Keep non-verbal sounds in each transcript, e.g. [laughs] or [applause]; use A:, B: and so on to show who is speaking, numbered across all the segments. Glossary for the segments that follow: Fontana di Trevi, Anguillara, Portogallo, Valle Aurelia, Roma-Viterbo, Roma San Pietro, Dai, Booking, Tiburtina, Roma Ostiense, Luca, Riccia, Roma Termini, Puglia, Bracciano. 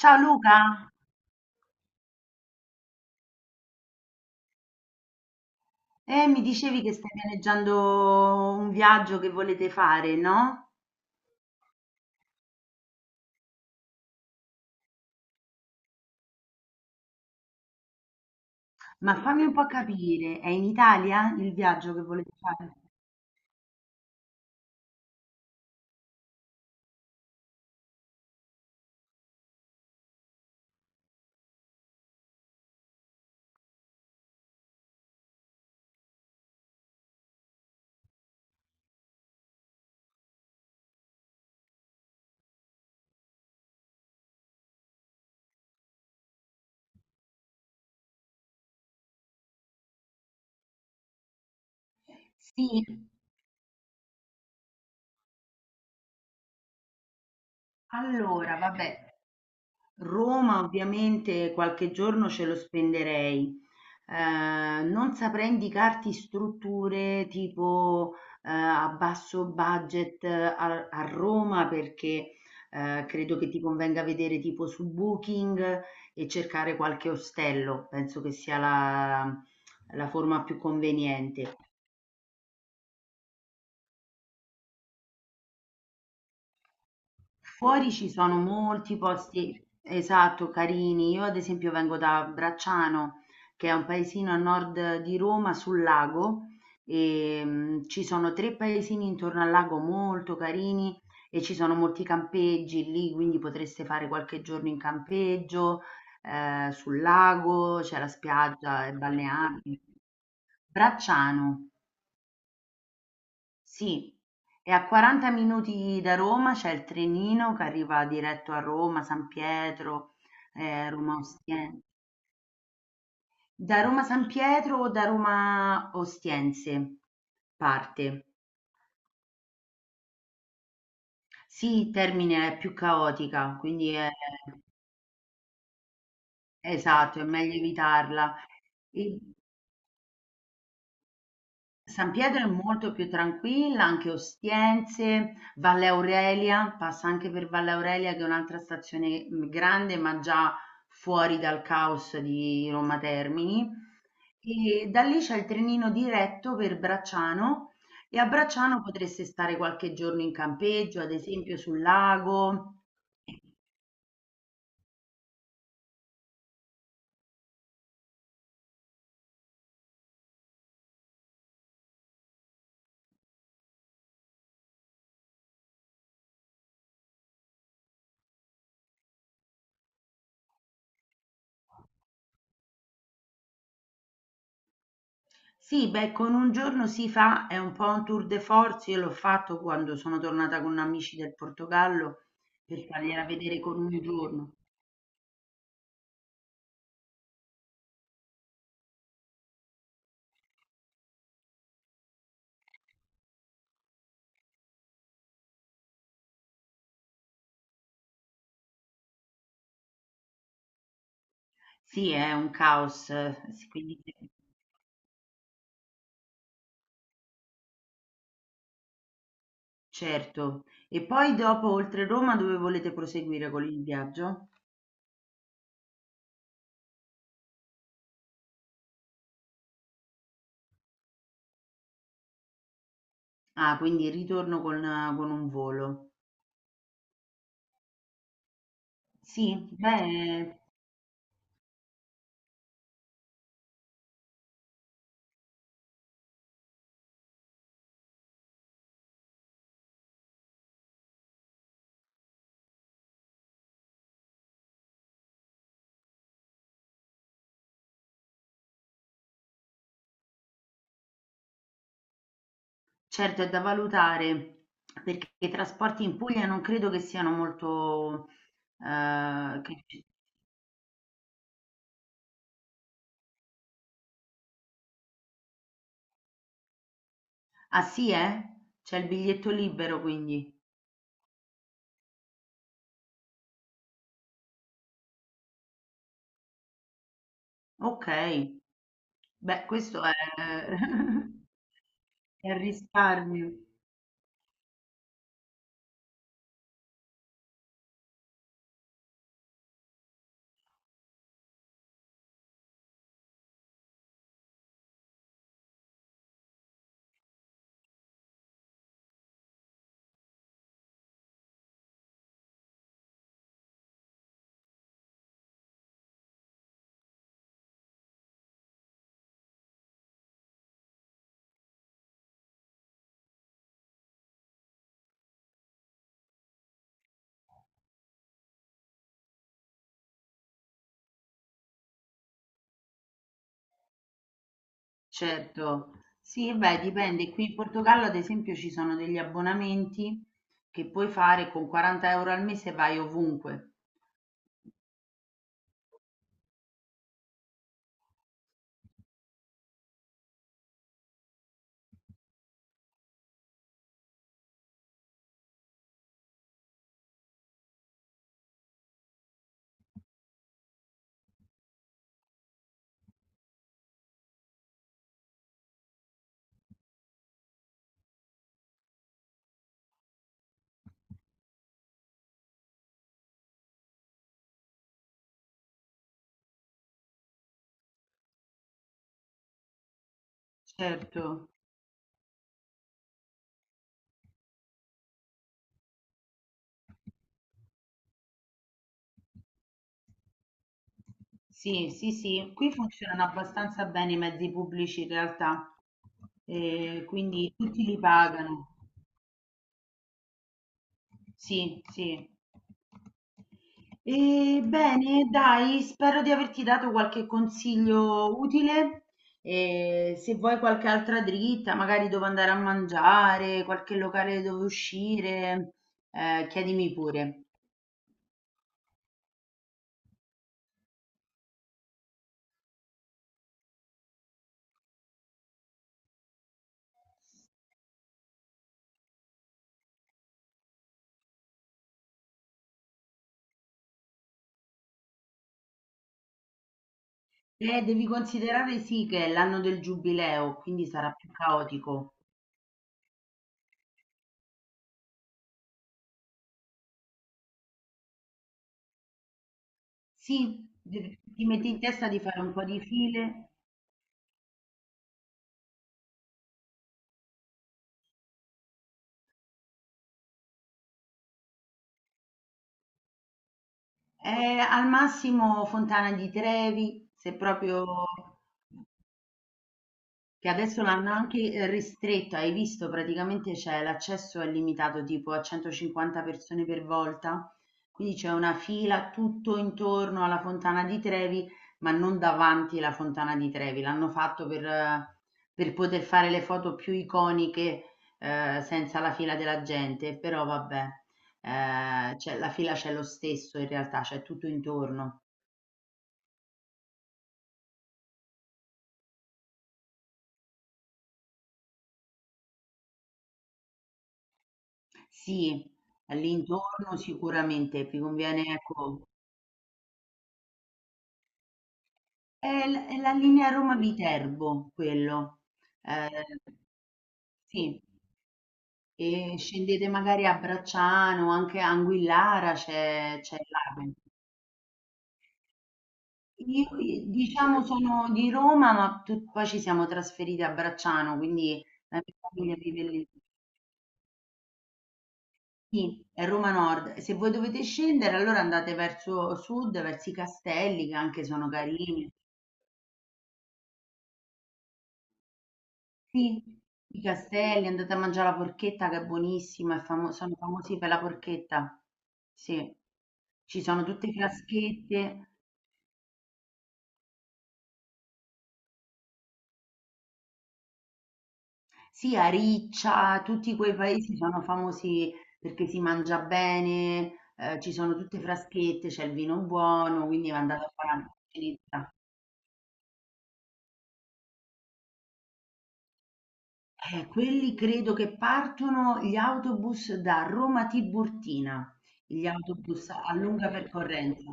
A: Ciao Luca, mi dicevi che stai pianeggiando un viaggio che volete fare, no? Ma fammi un po' capire, è in Italia il viaggio che volete fare? Sì, allora, vabbè. Roma ovviamente qualche giorno ce lo spenderei. Non saprei indicarti strutture tipo a basso budget a Roma perché credo che ti convenga vedere tipo su Booking e cercare qualche ostello, penso che sia la forma più conveniente. Fuori ci sono molti posti, esatto, carini. Io ad esempio vengo da Bracciano, che è un paesino a nord di Roma sul lago, e ci sono tre paesini intorno al lago molto carini e ci sono molti campeggi lì, quindi potreste fare qualche giorno in campeggio, sul lago, c'è la spiaggia, è balneabile. Bracciano. Sì, e a 40 minuti da Roma c'è il trenino che arriva diretto a Roma, San Pietro, Roma Ostiense. Da Roma San Pietro o da Roma Ostiense parte. Sì, Termine è più caotica, quindi è esatto, è meglio evitarla. E- San Pietro è molto più tranquilla, anche Ostiense, Valle Aurelia, passa anche per Valle Aurelia che è un'altra stazione grande, ma già fuori dal caos di Roma Termini. E da lì c'è il trenino diretto per Bracciano e a Bracciano potreste stare qualche giorno in campeggio, ad esempio sul lago. e Sì, beh, con un giorno si fa, è un po' un tour de force. Io l'ho fatto quando sono tornata con amici del Portogallo per fargliela vedere con un giorno. Sì, è un caos, sì, quindi certo. E poi dopo, oltre Roma, dove volete proseguire con il viaggio? Ah, quindi il ritorno con, un volo. Sì, beh, certo è da valutare perché i trasporti in Puglia non credo che siano molto, che Ah sì, eh? C'è il biglietto libero quindi. Okay. Beh, questo è [laughs] è il risparmio. Certo. Sì, beh, dipende. Qui in Portogallo, ad esempio, ci sono degli abbonamenti che puoi fare con 40 € al mese e vai ovunque. Certo. Sì, sì, sì. Qui funzionano abbastanza bene i mezzi pubblici in realtà. Quindi tutti li pagano. Sì, sì. E bene, dai, spero di averti dato qualche consiglio utile. E se vuoi qualche altra dritta, magari dove andare a mangiare, qualche locale dove uscire, chiedimi pure. Devi considerare sì che è l'anno del giubileo, quindi sarà più caotico. Sì, ti metti in testa di fare un po' di file. Al massimo Fontana di Trevi, se proprio che adesso l'hanno anche ristretto, hai visto praticamente c'è l'accesso è limitato tipo a 150 persone per volta, quindi c'è una fila tutto intorno alla Fontana di Trevi, ma non davanti alla Fontana di Trevi, l'hanno fatto per poter fare le foto più iconiche senza la fila della gente, però vabbè, la fila c'è lo stesso in realtà, c'è tutto intorno. Sì, all'intorno sicuramente vi conviene, ecco. È la linea Roma-Viterbo quello. Ehm, sì. E scendete magari a Bracciano, anche a Anguillara c'è l'Ape. Io, i diciamo sono di Roma, ma tu poi ci siamo trasferiti a Bracciano, quindi la mia famiglia vive lì. Sì, è Roma Nord. Se voi dovete scendere, allora andate verso sud, verso i castelli, che anche sono carini. Sì, i castelli, andate a mangiare la porchetta che è buonissima, sono famosi per la porchetta. Sì, ci sono tutte fiaschette, sì, a Riccia, tutti quei paesi sono famosi perché si mangia bene, ci sono tutte fraschette, c'è il vino buono, quindi andate a fare una porchetta. Quelli credo che partono gli autobus da Roma a Tiburtina, gli autobus a lunga percorrenza.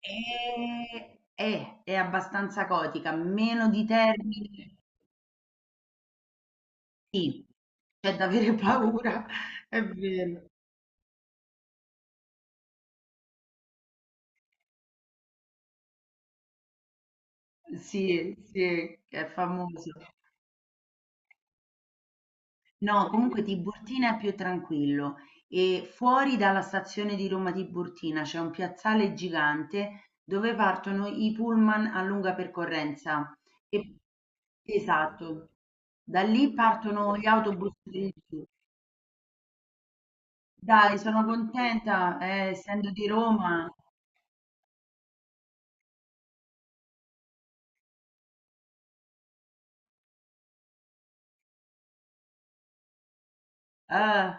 A: È abbastanza gotica, meno di Termini, sì, c'è da avere paura, [laughs] è vero. Sì, sì, è famoso. No, comunque Tiburtina è più tranquillo e fuori dalla stazione di Roma Tiburtina c'è un piazzale gigante dove partono i pullman a lunga percorrenza. E- esatto, da lì partono gli autobus del Dai, sono contenta, essendo di Roma, eh,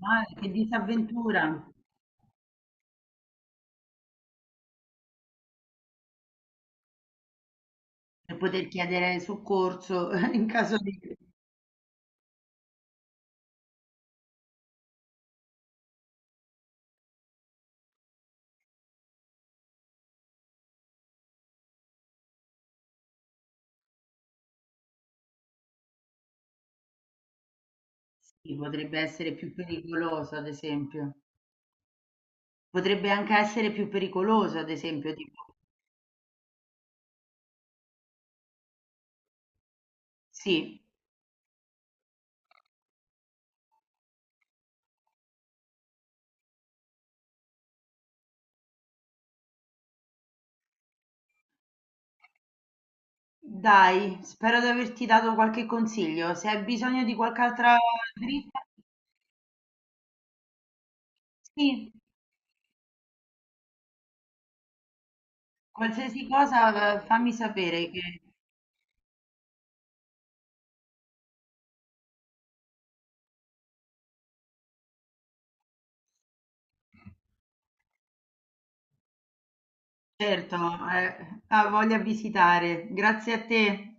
A: ma che disavventura per poter chiedere soccorso [laughs] in caso di. Sì, potrebbe essere più pericoloso, ad esempio. Potrebbe anche essere più pericoloso, ad esempio. Tipo. Sì, dai, spero di averti dato qualche consiglio. Se hai bisogno di qualche altra dritta, sì, qualsiasi cosa, fammi sapere che Certo, ha voglia a visitare. Grazie a te.